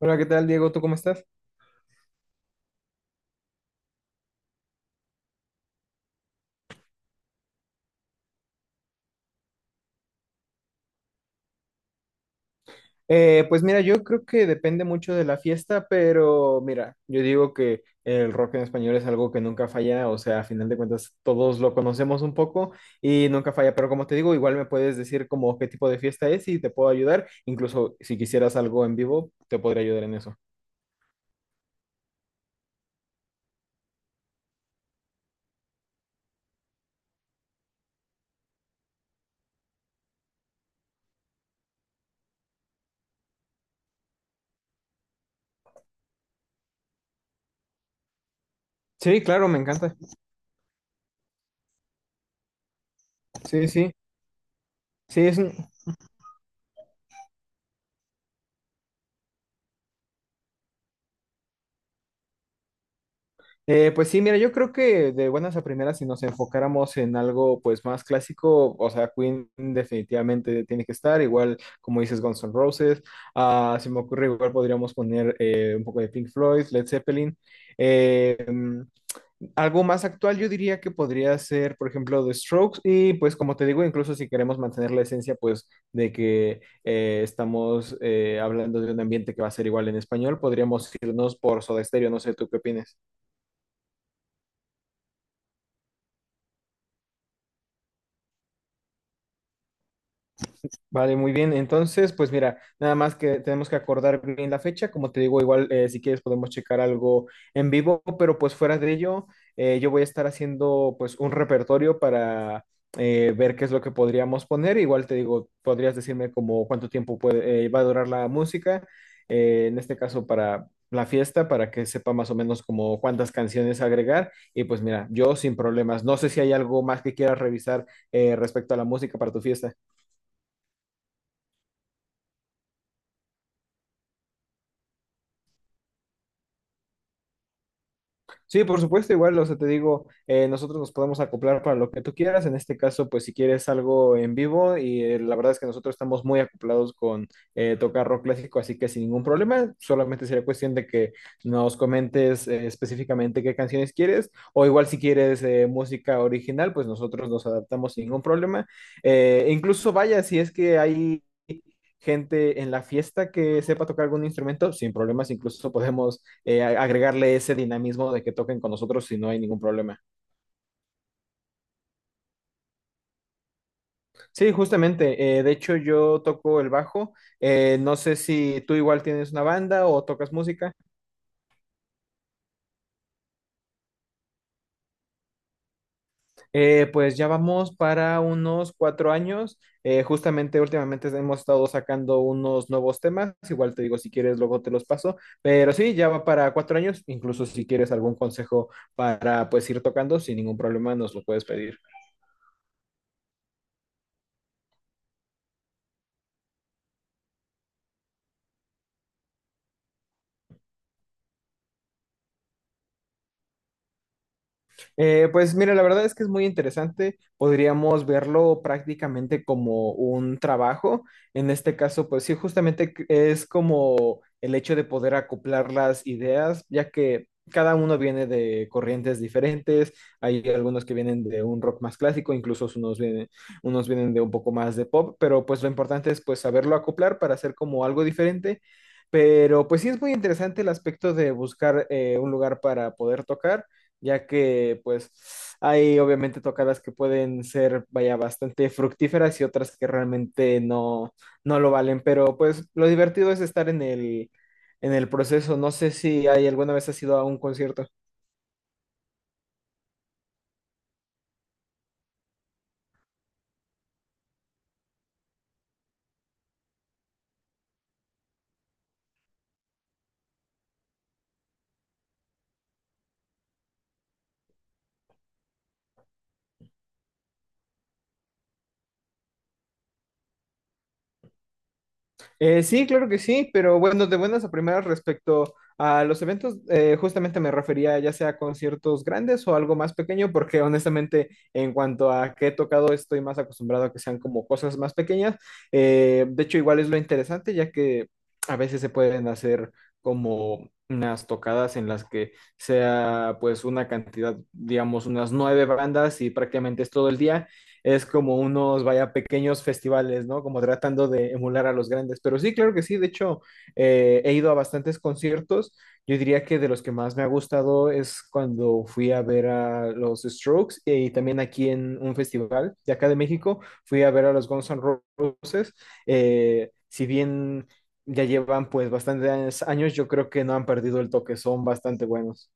Hola, ¿qué tal, Diego? ¿Tú cómo estás? Pues mira, yo creo que depende mucho de la fiesta, pero mira, yo digo que el rock en español es algo que nunca falla, o sea, a final de cuentas todos lo conocemos un poco y nunca falla, pero como te digo, igual me puedes decir como qué tipo de fiesta es y te puedo ayudar, incluso si quisieras algo en vivo, te podría ayudar en eso. Sí, claro, me encanta. Sí, sí, sí, es un. Pues sí, mira, yo creo que de buenas a primeras, si nos enfocáramos en algo pues más clásico, o sea, Queen definitivamente tiene que estar, igual como dices Guns N' Roses, ah, se me ocurre igual podríamos poner un poco de Pink Floyd, Led Zeppelin. Eh, mm, Algo más actual yo diría que podría ser, por ejemplo, The Strokes, y pues como te digo, incluso si queremos mantener la esencia pues de que estamos hablando de un ambiente que va a ser igual en español, podríamos irnos por Soda Stereo, no sé, ¿tú qué opinas? Vale, muy bien. Entonces, pues mira, nada más que tenemos que acordar bien la fecha. Como te digo, igual si quieres podemos checar algo en vivo, pero pues fuera de ello, yo voy a estar haciendo pues un repertorio para ver qué es lo que podríamos poner. Igual te digo, podrías decirme como cuánto tiempo puede, va a durar la música, en este caso para la fiesta, para que sepa más o menos como cuántas canciones agregar. Y pues mira, yo sin problemas. No sé si hay algo más que quieras revisar respecto a la música para tu fiesta. Sí, por supuesto, igual, o sea, te digo, nosotros nos podemos acoplar para lo que tú quieras. En este caso, pues si quieres algo en vivo, y la verdad es que nosotros estamos muy acoplados con tocar rock clásico, así que sin ningún problema, solamente sería cuestión de que nos comentes específicamente qué canciones quieres, o igual si quieres música original, pues nosotros nos adaptamos sin ningún problema. Incluso vaya, si es que hay gente en la fiesta que sepa tocar algún instrumento, sin problemas, incluso podemos agregarle ese dinamismo de que toquen con nosotros y no hay ningún problema. Sí, justamente. De hecho, yo toco el bajo. No sé si tú igual tienes una banda o tocas música. Pues ya vamos para unos 4 años. Justamente últimamente hemos estado sacando unos nuevos temas. Igual te digo, si quieres, luego te los paso. Pero sí, ya va para 4 años. Incluso si quieres algún consejo para pues ir tocando, sin ningún problema nos lo puedes pedir. Pues mira, la verdad es que es muy interesante. Podríamos verlo prácticamente como un trabajo. En este caso, pues sí, es como el hecho de poder acoplar las ideas, ya que cada uno viene de corrientes diferentes. Hay algunos que vienen de un rock más clásico, incluso unos vienen de un poco más de pop, pero pues lo importante es pues saberlo acoplar para hacer como algo diferente. Pero pues sí es muy interesante el aspecto de buscar un lugar para poder tocar ya que pues hay obviamente tocadas que pueden ser, vaya, bastante fructíferas y otras que realmente no, no lo valen, pero pues lo divertido es estar en en el proceso. No sé si hay alguna vez has ido a un concierto. Sí, claro que sí, pero bueno, de buenas a primeras respecto a los eventos, justamente me refería ya sea a conciertos grandes o algo más pequeño, porque honestamente en cuanto a qué he tocado estoy más acostumbrado a que sean como cosas más pequeñas. De hecho, igual es lo interesante, ya que a veces se pueden hacer como unas tocadas en las que sea pues una cantidad, digamos, unas 9 bandas y prácticamente es todo el día, es como unos, vaya, pequeños festivales, ¿no? Como tratando de emular a los grandes. Pero sí, claro que sí. De hecho, he ido a bastantes conciertos. Yo diría que de los que más me ha gustado es cuando fui a ver a los Strokes y también aquí en un festival de acá de México, fui a ver a los Guns N' Roses. Si bien ya llevan pues bastantes años, yo creo que no han perdido el toque, son bastante buenos.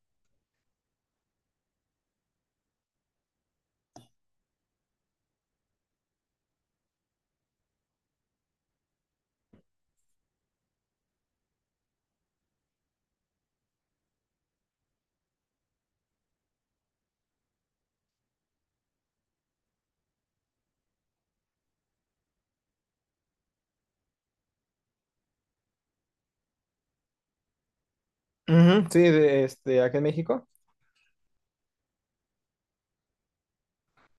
Ujú, sí, de, este, acá en México.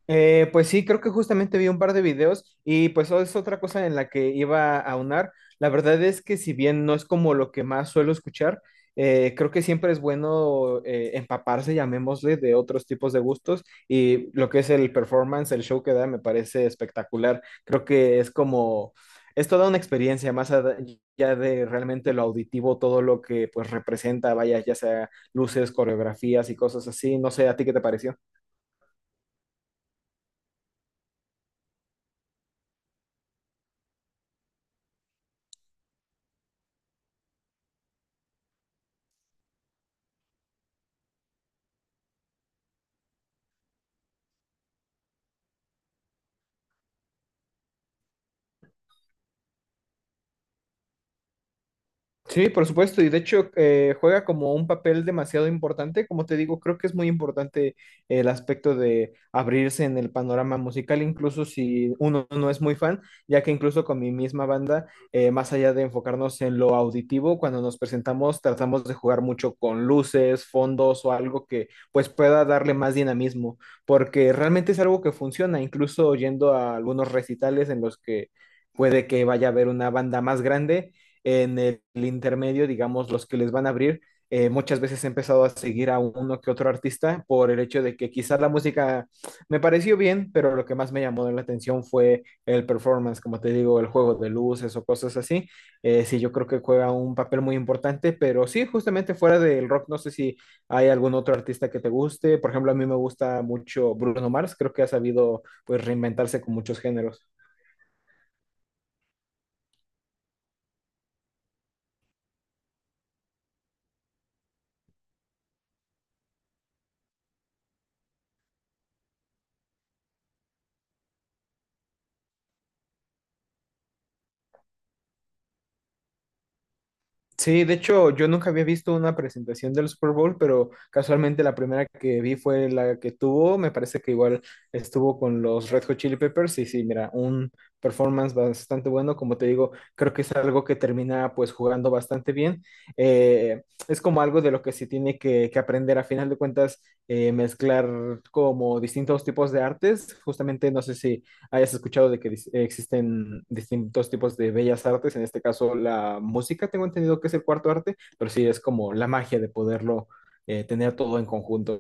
Pues sí, creo que justamente vi un par de videos y pues es otra cosa en la que iba a aunar. La verdad es que si bien no es como lo que más suelo escuchar, creo que siempre es bueno empaparse, llamémosle, de otros tipos de gustos y lo que es el performance, el show que da, me parece espectacular. Creo que es como, es toda una experiencia más allá de realmente lo auditivo, todo lo que pues representa, vaya, ya sea luces, coreografías y cosas así. No sé, ¿a ti qué te pareció? Sí, por supuesto, y de hecho juega como un papel demasiado importante, como te digo, creo que es muy importante el aspecto de abrirse en el panorama musical, incluso si uno no es muy fan, ya que incluso con mi misma banda, más allá de enfocarnos en lo auditivo, cuando nos presentamos tratamos de jugar mucho con luces, fondos o algo que pues pueda darle más dinamismo, porque realmente es algo que funciona, incluso yendo a algunos recitales en los que puede que vaya a haber una banda más grande en intermedio, digamos, los que les van a abrir, muchas veces he empezado a seguir a uno que otro artista por el hecho de que quizás la música me pareció bien, pero lo que más me llamó la atención fue el performance, como te digo, el juego de luces o cosas así. Sí, yo creo que juega un papel muy importante, pero sí, justamente fuera del rock, no sé si hay algún otro artista que te guste. Por ejemplo, a mí me gusta mucho Bruno Mars, creo que ha sabido pues reinventarse con muchos géneros. Sí, de hecho, yo nunca había visto una presentación del Super Bowl, pero casualmente la primera que vi fue la que tuvo, me parece que igual estuvo con los Red Hot Chili Peppers y sí, mira, un performance bastante bueno, como te digo, creo que es algo que termina pues jugando bastante bien. Es como algo de lo que se tiene que aprender a final de cuentas, mezclar como distintos tipos de artes, justamente no sé si hayas escuchado de que existen distintos tipos de bellas artes, en este caso la música, tengo entendido que es el cuarto arte, pero sí es como la magia de poderlo tener todo en conjunto.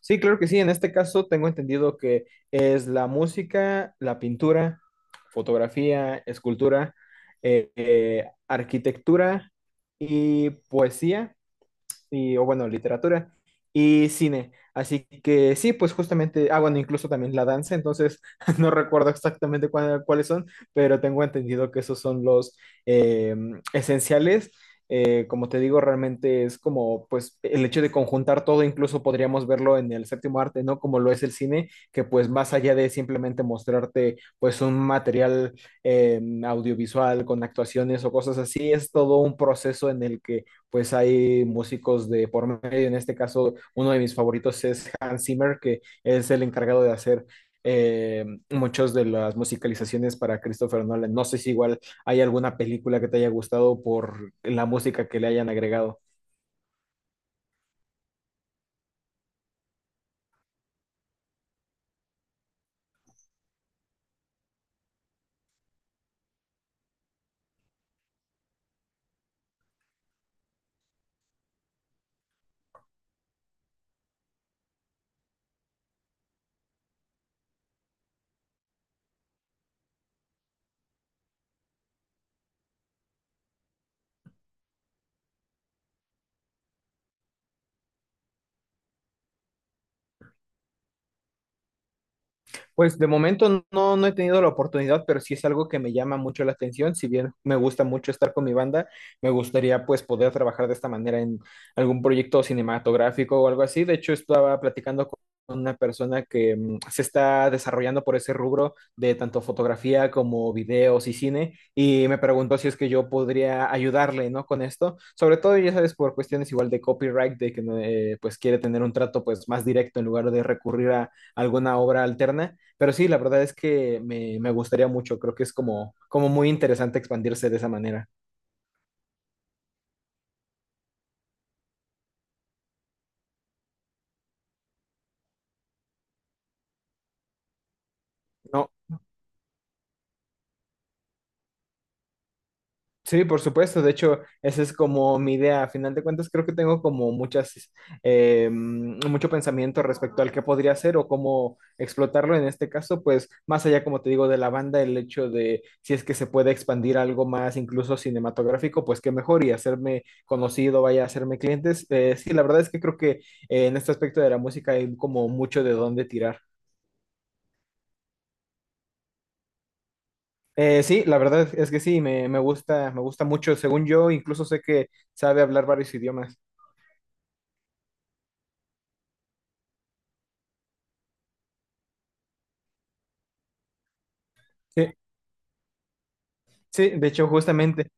Sí, claro que sí, en este caso tengo entendido que es la música, la pintura, fotografía, escultura, arquitectura y poesía, y, o bueno, literatura y cine. Así que sí, pues justamente, ah, bueno, incluso también la danza, entonces no recuerdo exactamente cuáles son, pero tengo entendido que esos son los eh, esenciales. Como te digo, realmente es como, pues, el hecho de conjuntar todo, incluso podríamos verlo en el séptimo arte, ¿no? Como lo es el cine, que pues más allá de simplemente mostrarte, pues, un material audiovisual con actuaciones o cosas así, es todo un proceso en el que pues hay músicos de por medio. En este caso, uno de mis favoritos es Hans Zimmer, que es el encargado de hacer muchas de las musicalizaciones para Christopher Nolan. No sé si igual hay alguna película que te haya gustado por la música que le hayan agregado. Pues de momento no, no he tenido la oportunidad, pero sí es algo que me llama mucho la atención. Si bien me gusta mucho estar con mi banda, me gustaría pues poder trabajar de esta manera en algún proyecto cinematográfico o algo así. De hecho, estaba platicando con una persona que se está desarrollando por ese rubro de tanto fotografía como videos y cine y me preguntó si es que yo podría ayudarle, ¿no? Con esto, sobre todo, ya sabes, por cuestiones igual de copyright, de que pues quiere tener un trato pues más directo en lugar de recurrir a alguna obra alterna. Pero sí, la verdad es que me gustaría mucho, creo que es como, como muy interesante expandirse de esa manera. No, sí, por supuesto, de hecho, esa es como mi idea. A final de cuentas, creo que tengo como mucho pensamiento respecto al que podría hacer o cómo explotarlo. En este caso, pues más allá, como te digo, de la banda, el hecho de si es que se puede expandir algo más, incluso cinematográfico, pues qué mejor y hacerme conocido, vaya a hacerme clientes. Sí, la verdad es que creo que en este aspecto de la música hay como mucho de dónde tirar. Sí, la verdad es que sí, me gusta mucho. Según yo, incluso sé que sabe hablar varios idiomas. Sí, sí, de hecho, justamente.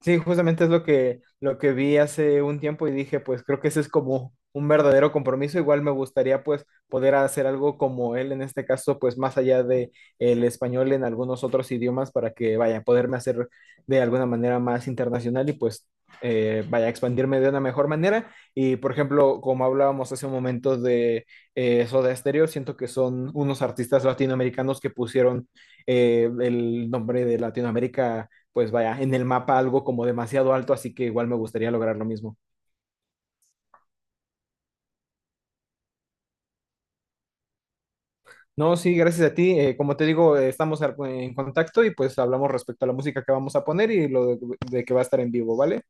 Sí, justamente es lo que vi hace un tiempo y dije, pues creo que ese es como un verdadero compromiso. Igual me gustaría pues poder hacer algo como él, en este caso, pues más allá de el español, en algunos otros idiomas para que vaya, poderme hacer de alguna manera más internacional y pues vaya a expandirme de una mejor manera. Y por ejemplo, como hablábamos hace un momento de Soda Stereo, siento que son unos artistas latinoamericanos que pusieron el nombre de Latinoamérica pues vaya, en el mapa algo como demasiado alto, así que igual me gustaría lograr lo mismo. No, sí, gracias a ti. Como te digo, estamos en contacto y pues hablamos respecto a la música que vamos a poner y lo de que va a estar en vivo, ¿vale?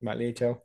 Vale, chao.